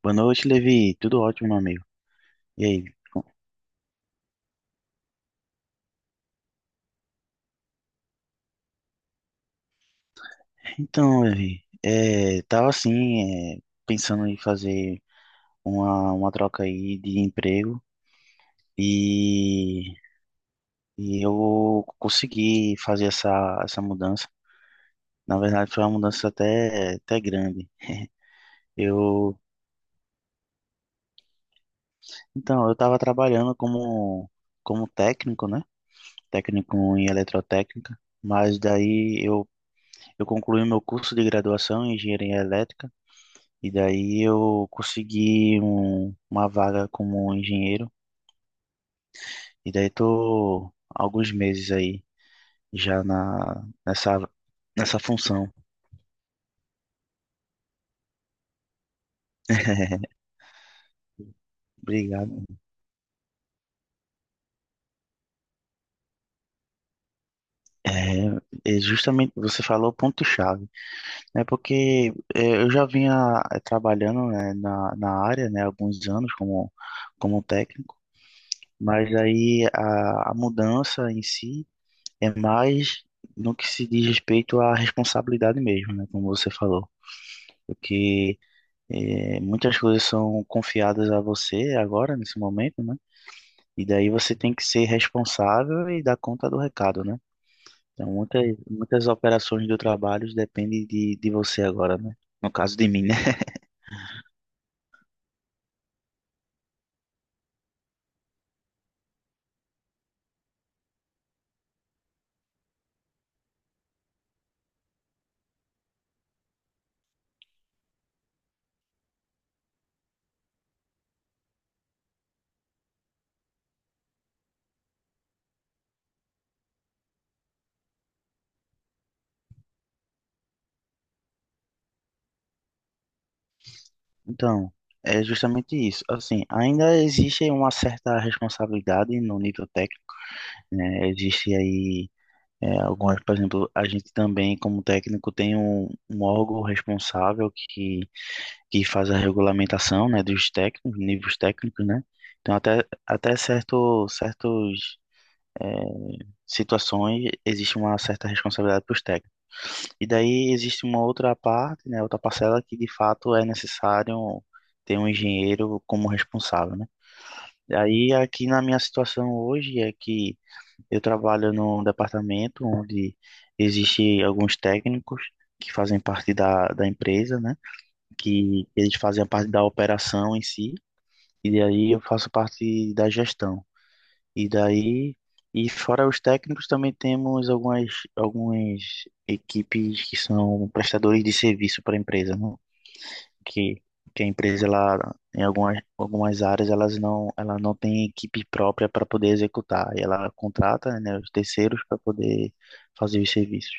Boa noite, Levi. Tudo ótimo, meu amigo. E aí? Então, Levi, tava assim, pensando em fazer uma troca aí de emprego e, e eu consegui fazer essa mudança. Na verdade, foi uma mudança até grande. Eu, eu tava trabalhando como técnico, né? Técnico em eletrotécnica, mas eu concluí meu curso de graduação em engenharia elétrica. E daí eu consegui uma vaga como engenheiro. E daí tô há alguns meses aí já nessa função. Obrigado. É, é justamente, você falou o ponto-chave, né? Porque eu já vinha trabalhando, né, na área, né, há alguns anos como técnico, mas aí a mudança em si é mais no que se diz respeito à responsabilidade mesmo, né? Como você falou. Porque muitas coisas são confiadas a você agora, nesse momento, né? E daí você tem que ser responsável e dar conta do recado, né? Então, muitas operações do trabalho dependem de você agora, né? No caso de mim, né? Então, é justamente isso. Assim, ainda existe uma certa responsabilidade no nível técnico, né? Existe aí algumas, por exemplo, a gente também, como técnico, tem um órgão responsável que faz a regulamentação, né, dos técnicos, níveis técnicos, né? Então até certo certos é, situações existe uma certa responsabilidade para os técnicos. E daí existe uma outra parte, né, outra parcela que de fato é necessário ter um engenheiro como responsável, né? Aí aqui na minha situação hoje é que eu trabalho num departamento onde existe alguns técnicos que fazem parte da empresa, né? Que eles fazem a parte da operação em si, e daí eu faço parte da gestão. E daí, e fora os técnicos, também temos algumas equipes que são prestadores de serviço para a empresa, né? Que, que a empresa, ela, em algumas áreas, ela não tem equipe própria para poder executar, e ela contrata, né, os terceiros para poder fazer os serviços.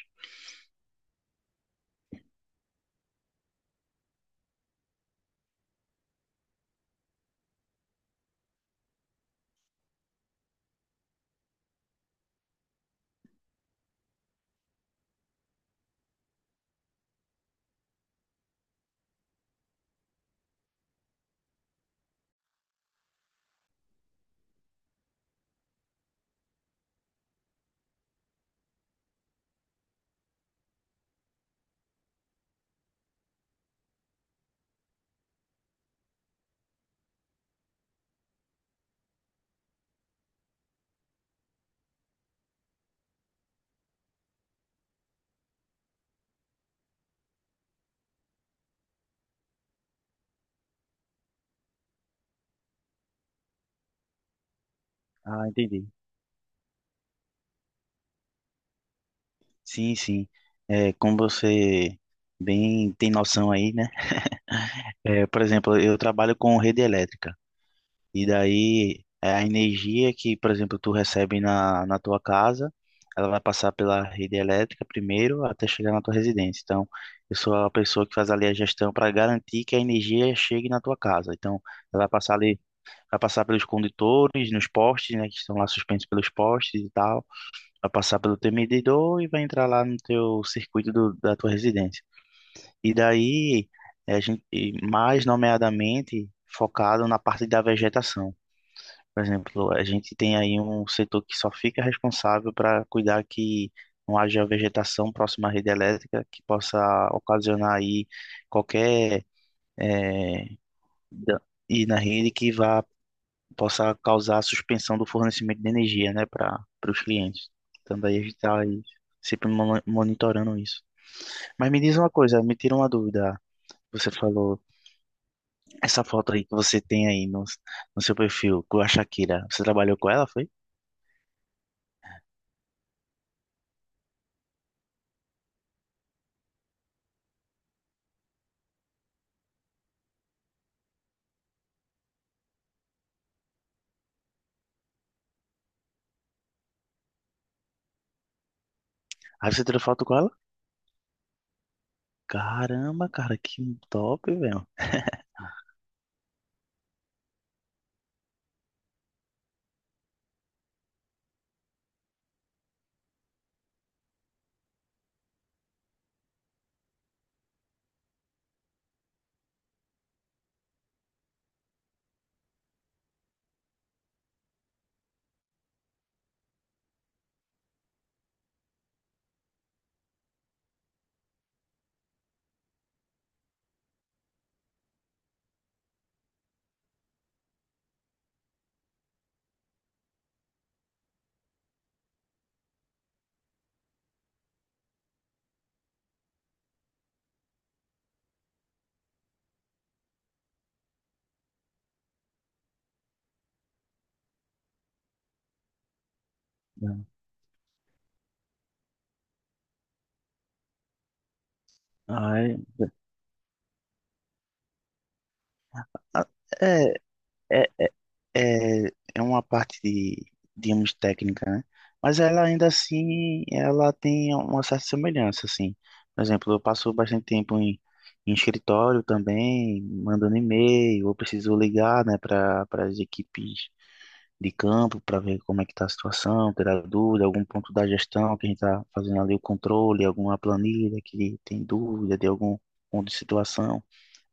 Ah, entendi. Sim, sim. É, como você bem tem noção aí, né? É, por exemplo, eu trabalho com rede elétrica e daí é, a energia que, por exemplo, tu recebe na tua casa, ela vai passar pela rede elétrica primeiro até chegar na tua residência. Então, eu sou a pessoa que faz ali a gestão para garantir que a energia chegue na tua casa. Então, ela vai passar ali, vai passar pelos condutores, nos postes, né, que estão lá suspensos pelos postes e tal, vai passar pelo teu medidor e vai entrar lá no teu circuito da tua residência. E daí, e mais nomeadamente, focado na parte da vegetação. Por exemplo, a gente tem aí um setor que só fica responsável para cuidar que não haja vegetação próxima à rede elétrica que possa ocasionar aí qualquer eh, da- e na rede que vá possa causar a suspensão do fornecimento de energia, né, para os clientes. Então daí a gente está aí sempre monitorando isso. Mas me diz uma coisa, me tira uma dúvida. Você falou, essa foto aí que você tem aí no seu perfil com a Shakira, você trabalhou com ela, foi? Aí você tirou foto com ela? Caramba, cara, que top, velho. Ai, a- é, é, é, é uma parte de, digamos, técnica, né? Mas ela ainda assim, ela tem uma certa semelhança, assim. Por exemplo, eu passo bastante tempo em escritório também, mandando e-mail, eu preciso ligar, né, para as equipes de campo para ver como é que está a situação, tirar dúvida, algum ponto da gestão que a gente está fazendo ali o controle, alguma planilha que tem dúvida de algum ponto de situação.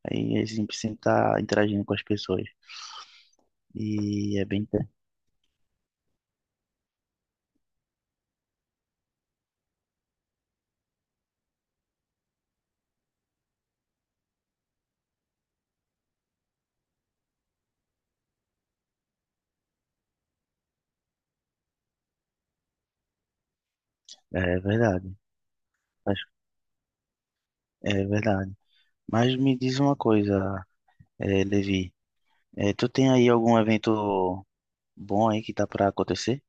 Aí a gente sempre está interagindo com as pessoas. E é é verdade. Acho- É verdade. Mas me diz uma coisa, Levi, tu tem aí algum evento bom aí que tá para acontecer?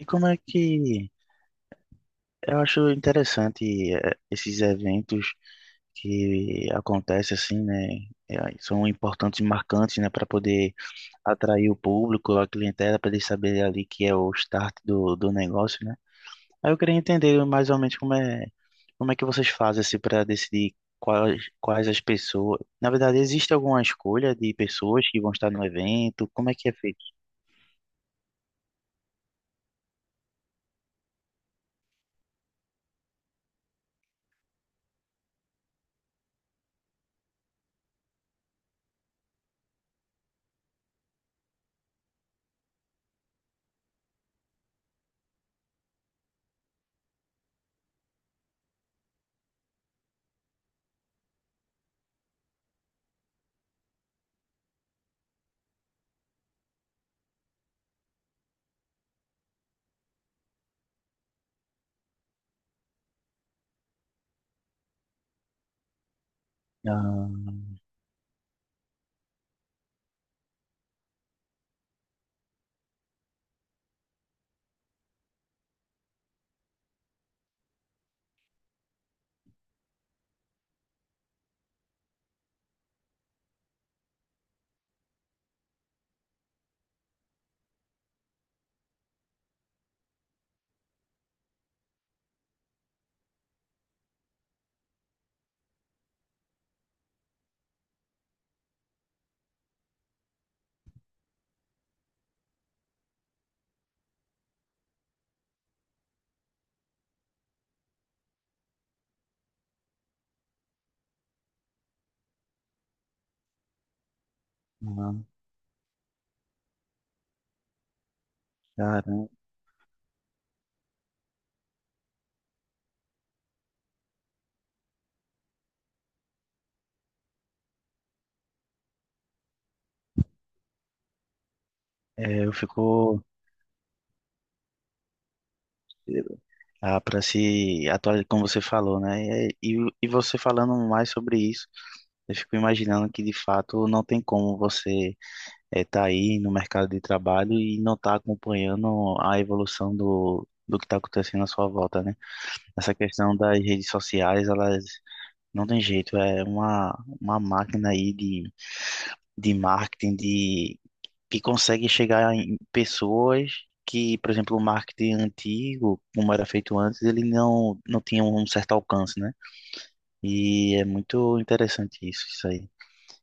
E como é que eu acho interessante esses eventos que acontece assim, né? é, São importantes e marcantes, né, para poder atrair o público, a clientela, para eles saberem ali que é o start do negócio, né? Aí eu queria entender mais ou menos como é que vocês fazem assim para decidir quais as pessoas. Na verdade, existe alguma escolha de pessoas que vão estar no evento? Como é que é feito? Ah, ah, cara, é, eu fico ah, Para se atualizar, como você falou, né? E e você falando mais sobre isso, eu fico imaginando que de fato não tem como você estar tá aí no mercado de trabalho e não estar acompanhando a evolução do que está acontecendo à sua volta, né? Essa questão das redes sociais, elas não tem jeito, é uma máquina aí de marketing, de e consegue chegar em pessoas que, por exemplo, o marketing antigo, como era feito antes, ele não, não tinha um certo alcance, né? E é muito interessante isso, isso aí.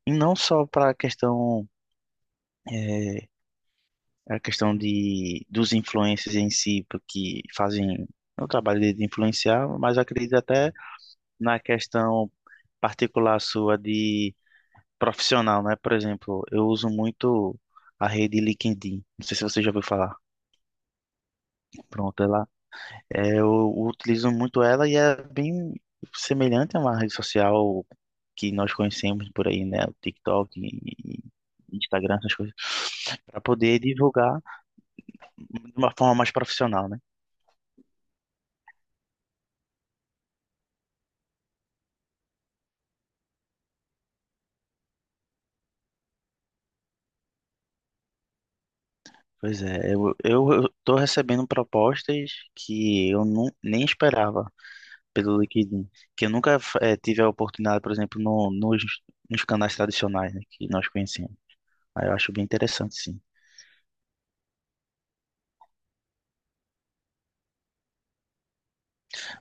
E não só para a questão, eh, a questão dos influencers em si, porque fazem o trabalho de influenciar, mas acredito até na questão particular sua de profissional, né? Por exemplo, eu uso muito a rede LinkedIn. Não sei se você já ouviu falar. Pronto, ela é, eu utilizo muito ela e é bem semelhante a uma rede social que nós conhecemos por aí, né? O TikTok e Instagram, essas coisas, para poder divulgar de uma forma mais profissional, né? Pois é, eu tô recebendo propostas que eu não, nem esperava pelo LinkedIn, que eu nunca tive a oportunidade, por exemplo, no, nos, nos canais tradicionais, né, que nós conhecemos. Aí eu acho bem interessante, sim.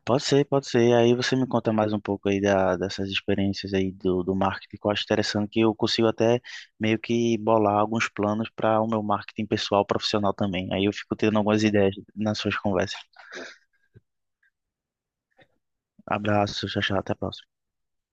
Pode ser, pode ser. Aí você me conta mais um pouco aí dessas experiências aí do marketing, que eu acho interessante, que eu consigo até meio que bolar alguns planos para o meu marketing pessoal, profissional também. Aí eu fico tendo algumas ideias nas suas conversas. Abraço, tchau, tchau, até a próxima.